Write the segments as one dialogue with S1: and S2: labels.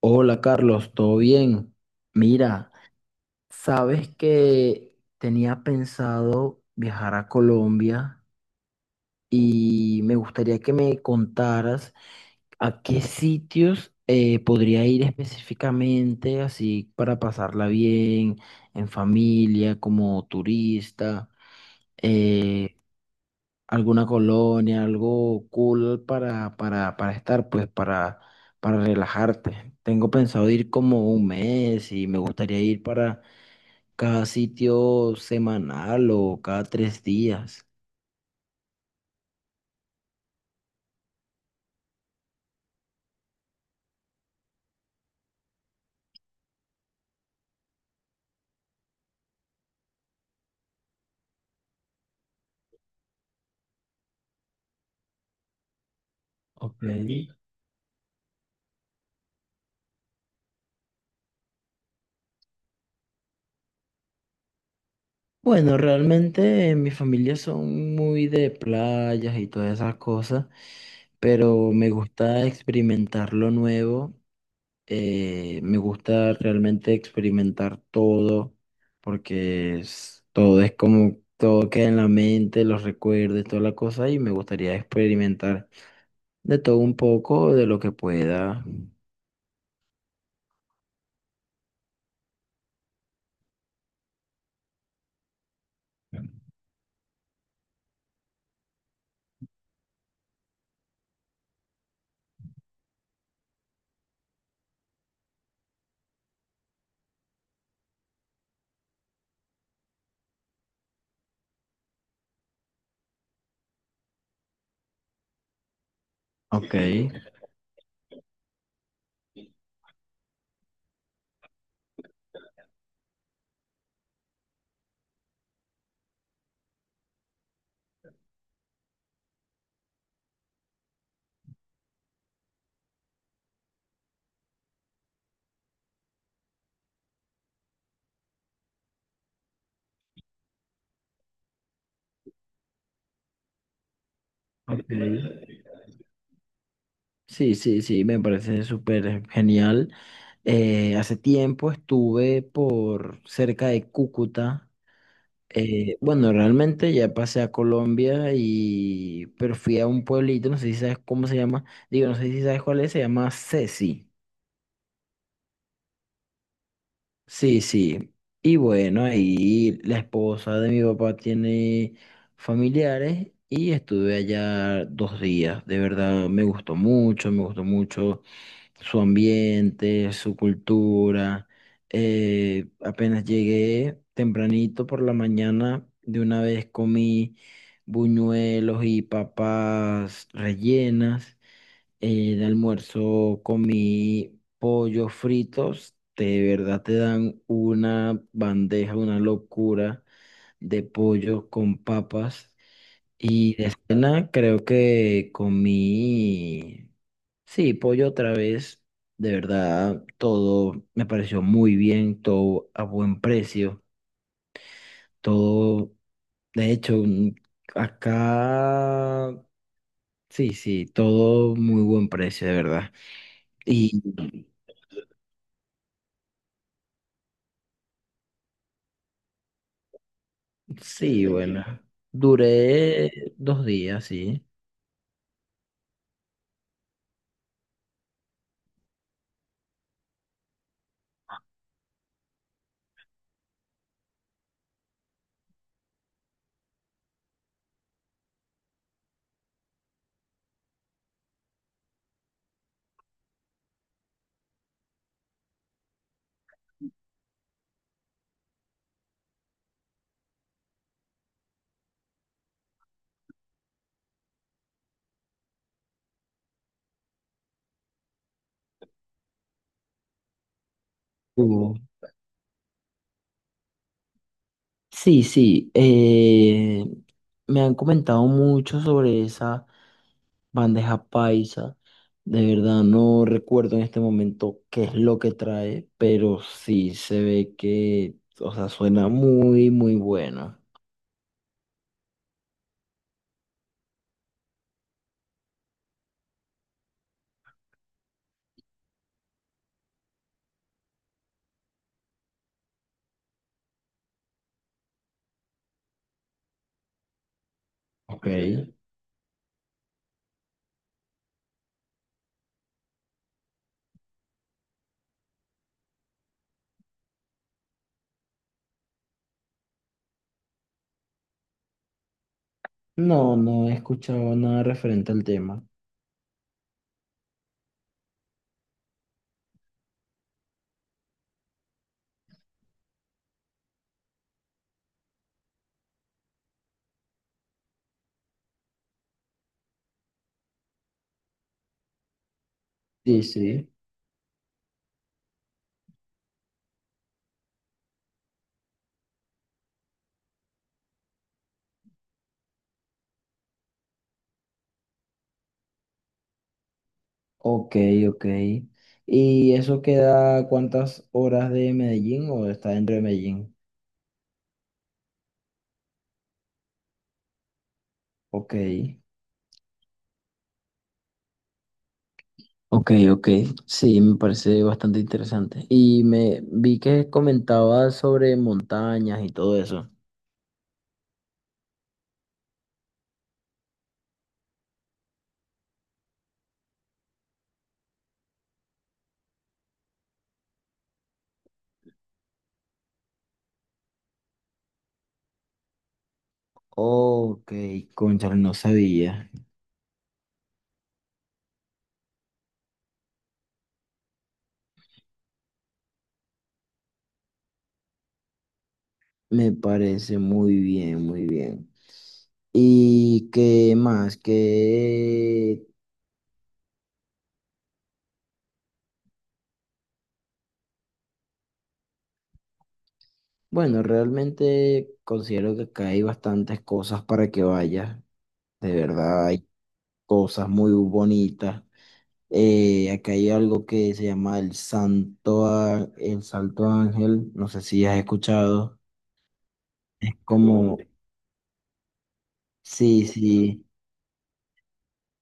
S1: Hola Carlos, ¿todo bien? Mira, sabes que tenía pensado viajar a Colombia y me gustaría que me contaras a qué sitios podría ir específicamente, así para pasarla bien, en familia, como turista. eh, Alguna colonia, algo cool para, para estar, pues para relajarte. Tengo pensado ir como un mes y me gustaría ir para cada sitio semanal o cada tres días. Ok. Bueno, realmente mi familia son muy de playas y todas esas cosas, pero me gusta experimentar lo nuevo. Me gusta realmente experimentar todo porque todo es como, todo queda en la mente, los recuerdos, toda la cosa y me gustaría experimentar de todo un poco, de lo que pueda. Ok, ok. Sí, sí, sí, me parece súper genial. Hace tiempo estuve por cerca de Cúcuta. Bueno, realmente ya pasé a Colombia y pero fui a un pueblito, no sé si sabes cómo se llama, digo, no sé si sabes cuál es, se llama Ceci. Sí, sí. Y bueno, ahí la esposa de mi papá tiene familiares y estuve allá 2 días. De verdad, me gustó mucho su ambiente, su cultura. Apenas llegué tempranito por la mañana, de una vez comí buñuelos y papas rellenas. De almuerzo comí pollos fritos. De verdad te dan una bandeja, una locura de pollo con papas. Y de cena creo que comí, sí, pollo otra vez, de verdad, todo me pareció muy bien, todo a buen precio, todo, de hecho, acá, sí, sí, todo muy buen precio, de verdad. Y sí, bueno, duré 2 días, sí. Hubo- Sí, sí, me han comentado mucho sobre esa bandeja paisa. De verdad no recuerdo en este momento qué es lo que trae, pero sí se ve que, o sea, suena muy, muy bueno. Ok. No, no he escuchado nada referente al tema. Sí, sí. Ok, ok. ¿Y eso queda cuántas horas de Medellín o está dentro de Medellín? Ok. Ok, ok, sí, me parece bastante interesante. Y me vi que comentabas sobre montañas y todo eso. Ok, cónchale, no sabía. Me parece muy bien, muy bien. ¿Y qué más? Que, bueno, realmente considero que acá hay bastantes cosas para que vayas. De verdad, hay cosas muy bonitas. Acá hay algo que se llama el el Salto Ángel, no sé si has escuchado, como, sí, sí,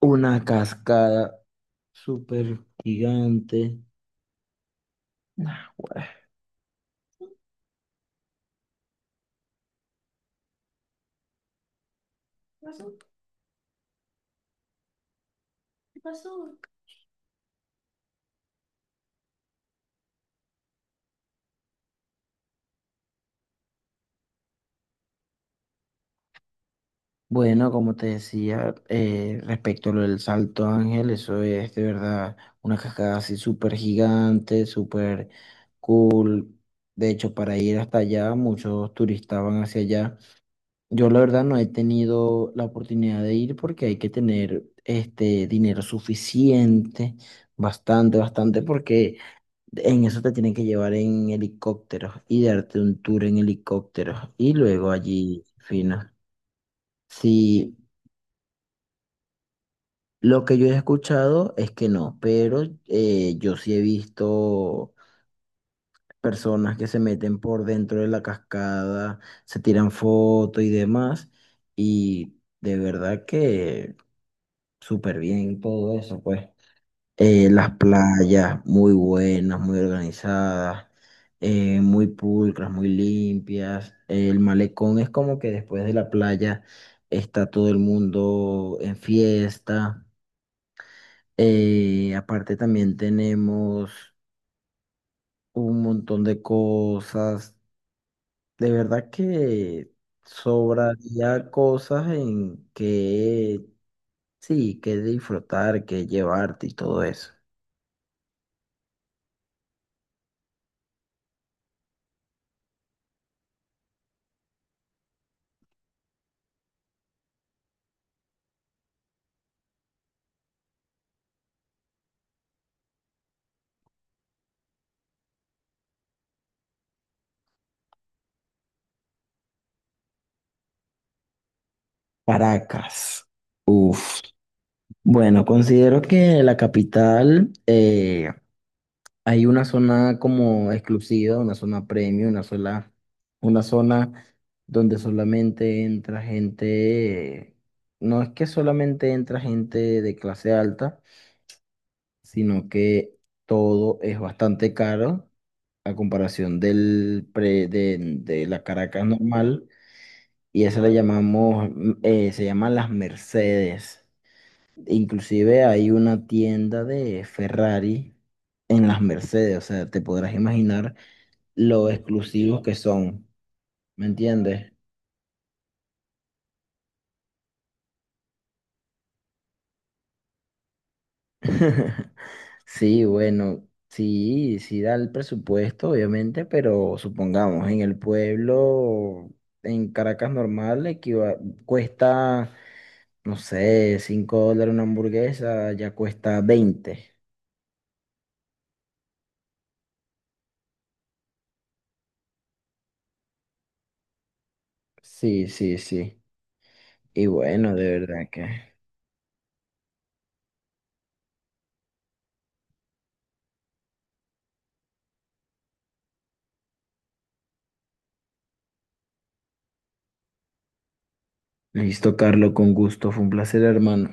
S1: una cascada súper gigante. Nah, güey. Bueno, como te decía, respecto a lo del Salto Ángel, eso es de verdad una cascada así súper gigante, súper cool. De hecho, para ir hasta allá, muchos turistas van hacia allá. Yo la verdad no he tenido la oportunidad de ir porque hay que tener este dinero suficiente, bastante, bastante, porque en eso te tienen que llevar en helicópteros y darte un tour en helicópteros y luego allí fino. Sí, lo que yo he escuchado es que no, pero yo sí he visto personas que se meten por dentro de la cascada, se tiran fotos y demás, y de verdad que súper bien, todo eso, pues. Las playas muy buenas, muy organizadas, muy pulcras, muy limpias. El malecón es como que después de la playa está todo el mundo en fiesta. Aparte también tenemos un montón de cosas. De verdad que sobraría cosas en que, sí, que disfrutar, que llevarte y todo eso. Caracas. Uf. Bueno, considero que la capital hay una zona como exclusiva, una zona premium, una sola, una zona donde solamente entra gente, no es que solamente entra gente de clase alta, sino que todo es bastante caro a comparación del de la Caracas normal, y eso le llamamos, se llaman las Mercedes. Inclusive hay una tienda de Ferrari en las Mercedes, o sea, te podrás imaginar lo exclusivos que son, ¿me entiendes? Sí, bueno, sí, sí da el presupuesto, obviamente, pero supongamos, en el pueblo, en Caracas normal, cuesta, no sé, $5 una hamburguesa, ya cuesta 20. Sí, sí, sí. Y bueno, de verdad que... Listo, Carlos, con gusto. Fue un placer, hermano.